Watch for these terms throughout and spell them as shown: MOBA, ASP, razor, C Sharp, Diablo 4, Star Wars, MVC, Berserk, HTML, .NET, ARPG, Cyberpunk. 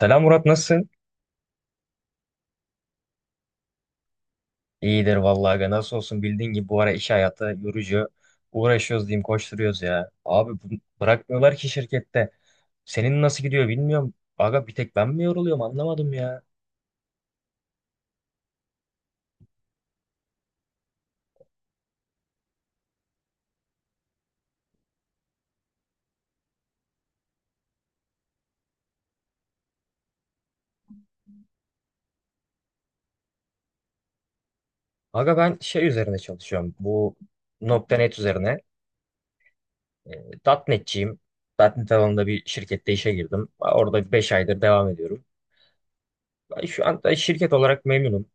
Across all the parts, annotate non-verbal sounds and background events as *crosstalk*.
Selam Murat, nasılsın? İyidir vallahi aga, nasıl olsun, bildiğin gibi bu ara iş hayatı yorucu. Uğraşıyoruz diyeyim, koşturuyoruz ya. Abi bırakmıyorlar ki şirkette. Senin nasıl gidiyor bilmiyorum. Aga, bir tek ben mi yoruluyorum, anlamadım ya. Aga, ben şey üzerine çalışıyorum, bu nokta .NET üzerine. E, .NET'ciyim. .NET alanında bir şirkette işe girdim. Orada 5 aydır devam ediyorum. Ben şu anda şirket olarak memnunum.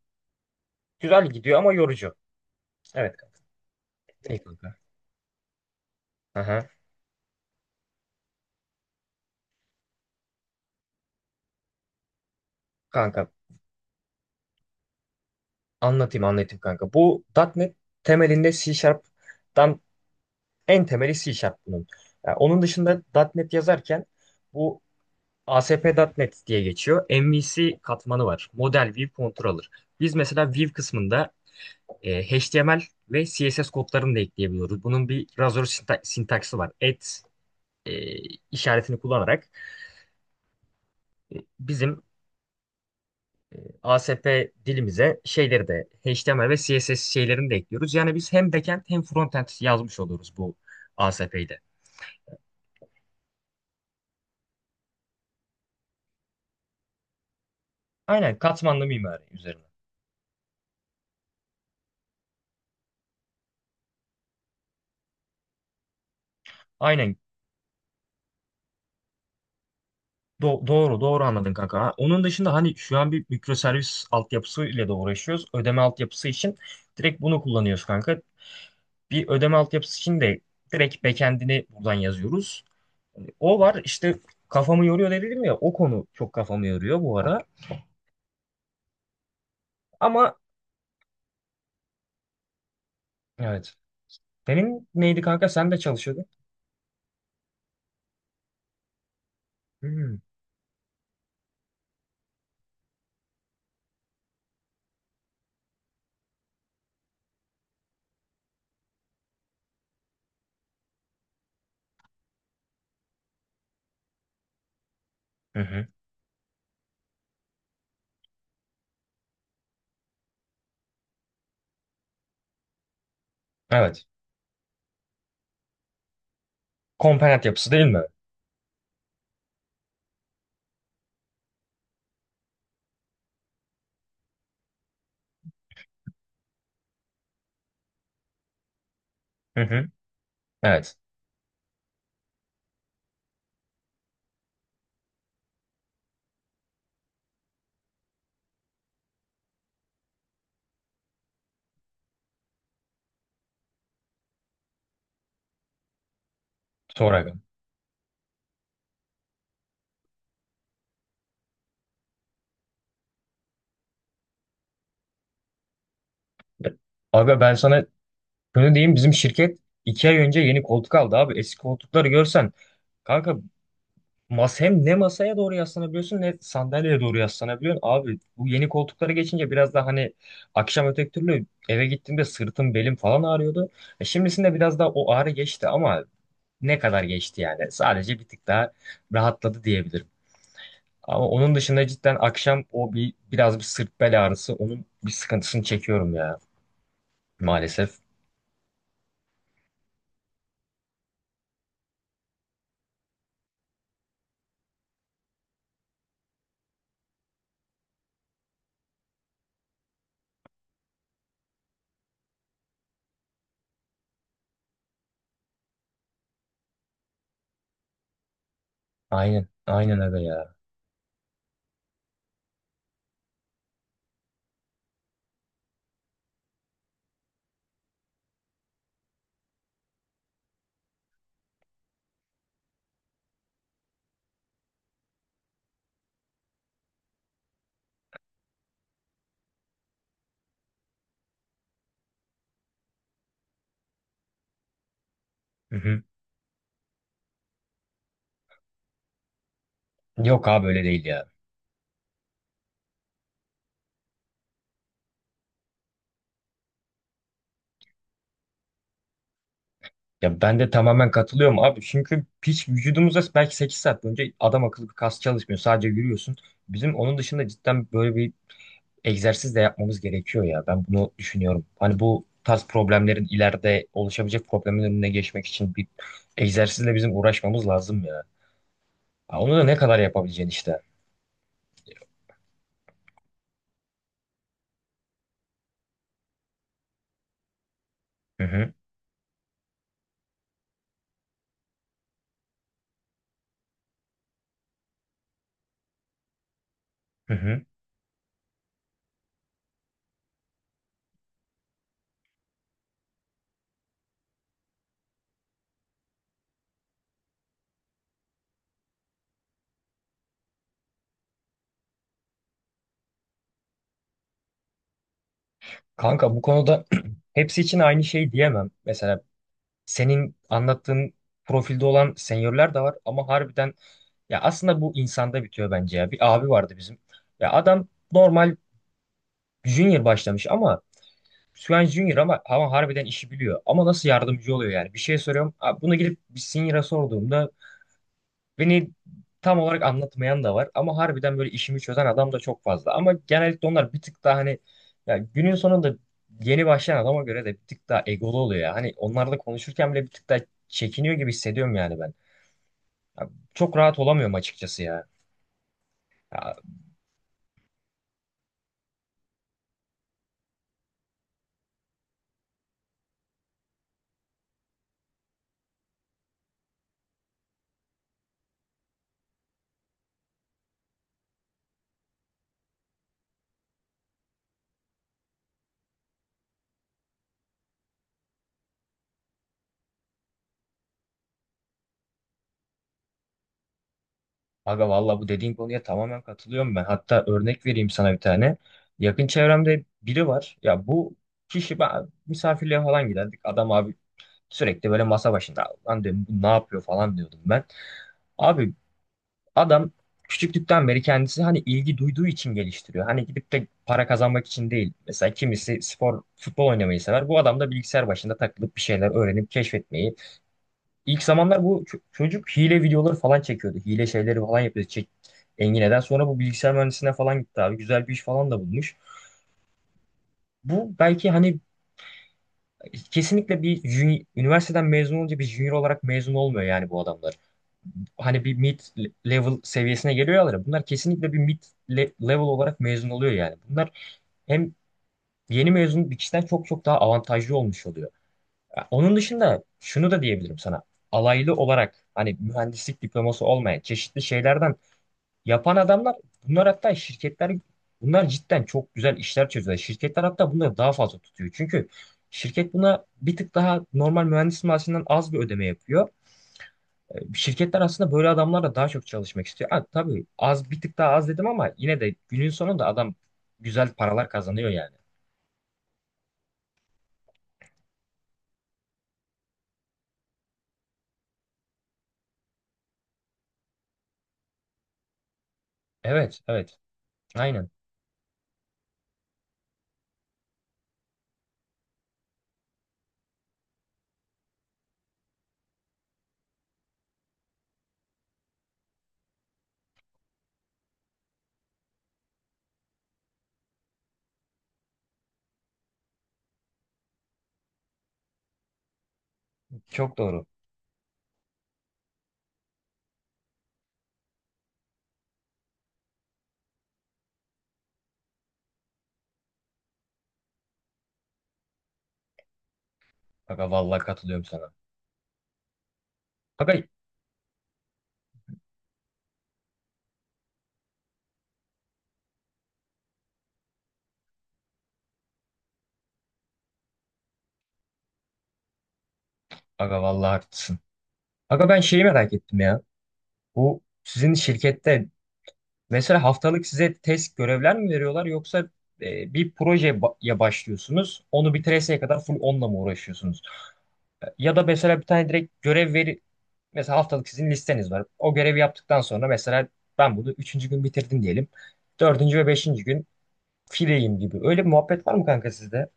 Güzel gidiyor ama yorucu. Evet, kanka. İyi, kanka. Aha. Kanka, anlatayım anlatayım kanka. Bu .NET temelinde C Sharp'tan, en temeli C Sharp bunun. Yani onun dışında .NET yazarken bu A S P nokta .NET diye geçiyor. MVC katmanı var. Model View Controller. Biz mesela View kısmında HTML ve CSS kodlarını da ekleyebiliyoruz. Bunun bir razor sintaksi var. Et e, işaretini kullanarak bizim ASP dilimize şeyleri de HTML ve CSS şeylerini de ekliyoruz. Yani biz hem backend hem frontend yazmış oluyoruz bu ASP'de. Aynen, katmanlı mimari üzerine. Aynen, doğru doğru anladın kanka. Ha, onun dışında hani şu an bir mikroservis altyapısı ile de uğraşıyoruz. Ödeme altyapısı için direkt bunu kullanıyoruz kanka. Bir ödeme altyapısı için de direkt backend'ini buradan yazıyoruz. Hani o var işte, kafamı yoruyor dedim ya, o konu çok kafamı yoruyor bu ara. Ama evet. Senin neydi kanka? Sen de çalışıyordun. Hmm. Hı hı. Evet. Komponent yapısı değil mi? Hı hı. Evet. Sonra aga. Aga, ben sana şunu diyeyim. Bizim şirket 2 ay önce yeni koltuk aldı abi. Eski koltukları görsen. Kanka, hem ne masaya doğru yaslanabiliyorsun ne sandalyeye doğru yaslanabiliyorsun. Abi, bu yeni koltuklara geçince biraz daha hani akşam öteki türlü eve gittiğimde sırtım belim falan ağrıyordu. E, şimdisinde biraz daha o ağrı geçti ama ne kadar geçti yani. Sadece bir tık daha rahatladı diyebilirim. Ama onun dışında cidden akşam o biraz bir sırt bel ağrısı onun bir sıkıntısını çekiyorum ya, maalesef. Aynen aynen, öyle ya. Hı hı. Yok abi, öyle değil ya. Ya, ben de tamamen katılıyorum abi. Çünkü hiç vücudumuzda belki 8 saat boyunca adam akıllı bir kas çalışmıyor. Sadece yürüyorsun. Bizim onun dışında cidden böyle bir egzersiz de yapmamız gerekiyor ya. Ben bunu düşünüyorum. Hani bu tarz problemlerin ileride oluşabilecek problemin önüne geçmek için bir egzersizle bizim uğraşmamız lazım ya. Ha, onu da ne kadar yapabileceğin işte. Hı hı. Hı hı. Kanka, bu konuda *clears throat* hepsi için aynı şey diyemem. Mesela senin anlattığın profilde olan senyörler de var ama harbiden, ya aslında bu insanda bitiyor bence ya. Bir abi vardı bizim. Ya adam normal junior başlamış ama şu an junior ama harbiden işi biliyor. Ama nasıl yardımcı oluyor yani? Bir şey soruyorum. Abi, bunu gidip bir senior'a sorduğumda beni tam olarak anlatmayan da var ama harbiden böyle işimi çözen adam da çok fazla. Ama genellikle onlar bir tık daha hani, ya günün sonunda yeni başlayan adama göre de bir tık daha egolu oluyor ya. Hani onlarla konuşurken bile bir tık daha çekiniyor gibi hissediyorum yani ben. Ya, çok rahat olamıyorum açıkçası ya. Ya aga, valla bu dediğin konuya tamamen katılıyorum ben. Hatta örnek vereyim sana bir tane. Yakın çevremde biri var. Ya bu kişi, ben misafirliğe falan giderdik. Adam abi sürekli böyle masa başında. Lan diyorum, bu ne yapıyor falan diyordum ben. Abi, adam küçüklükten beri kendisi hani ilgi duyduğu için geliştiriyor. Hani gidip de para kazanmak için değil. Mesela kimisi spor, futbol oynamayı sever. Bu adam da bilgisayar başında takılıp bir şeyler öğrenip keşfetmeyi. İlk zamanlar bu çocuk hile videoları falan çekiyordu. Hile şeyleri falan yapıyordu. Çek Engine'den sonra bu bilgisayar mühendisliğine falan gitti abi. Güzel bir iş falan da bulmuş. Bu belki hani kesinlikle bir üniversiteden mezun olunca bir junior olarak mezun olmuyor yani bu adamlar. Hani bir mid level seviyesine geliyorlar ya, bunlar kesinlikle bir mid level olarak mezun oluyor yani. Bunlar hem yeni mezun bir kişiden çok çok daha avantajlı olmuş oluyor. Ya, onun dışında şunu da diyebilirim sana. Alaylı olarak hani mühendislik diploması olmayan çeşitli şeylerden yapan adamlar, bunlar, hatta şirketler, bunlar cidden çok güzel işler çözüyor. Şirketler hatta bunları daha fazla tutuyor. Çünkü şirket buna bir tık daha normal mühendis maaşından az bir ödeme yapıyor. E, şirketler aslında böyle adamlarla daha çok çalışmak istiyor. Ha, tabii az bir tık daha az dedim ama yine de günün sonunda adam güzel paralar kazanıyor yani. Evet, evet. Aynen. Çok doğru. Aga, vallahi katılıyorum sana. Aga, aga vallahi haklısın. Aga, ben şeyi merak ettim ya. Bu sizin şirkette mesela haftalık size test görevler mi veriyorlar yoksa bir projeye başlıyorsunuz. Onu bitireseye kadar full onunla mı uğraşıyorsunuz? Ya da mesela bir tane direkt görev. Mesela haftalık sizin listeniz var. O görevi yaptıktan sonra mesela ben bunu üçüncü gün bitirdim diyelim. Dördüncü ve beşinci gün fileyim gibi. Öyle bir muhabbet var mı kanka sizde?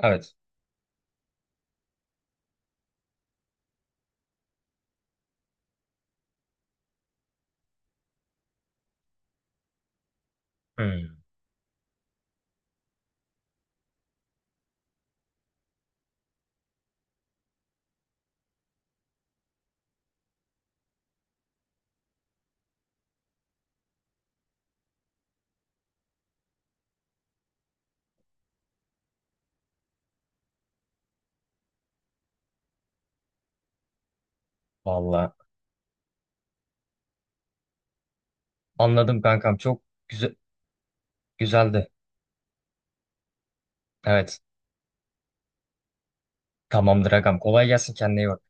Evet. Hmm, valla anladım kankam. Çok güzel, güzeldi. Evet. Tamamdır agam. Kolay gelsin, kendine iyi bak.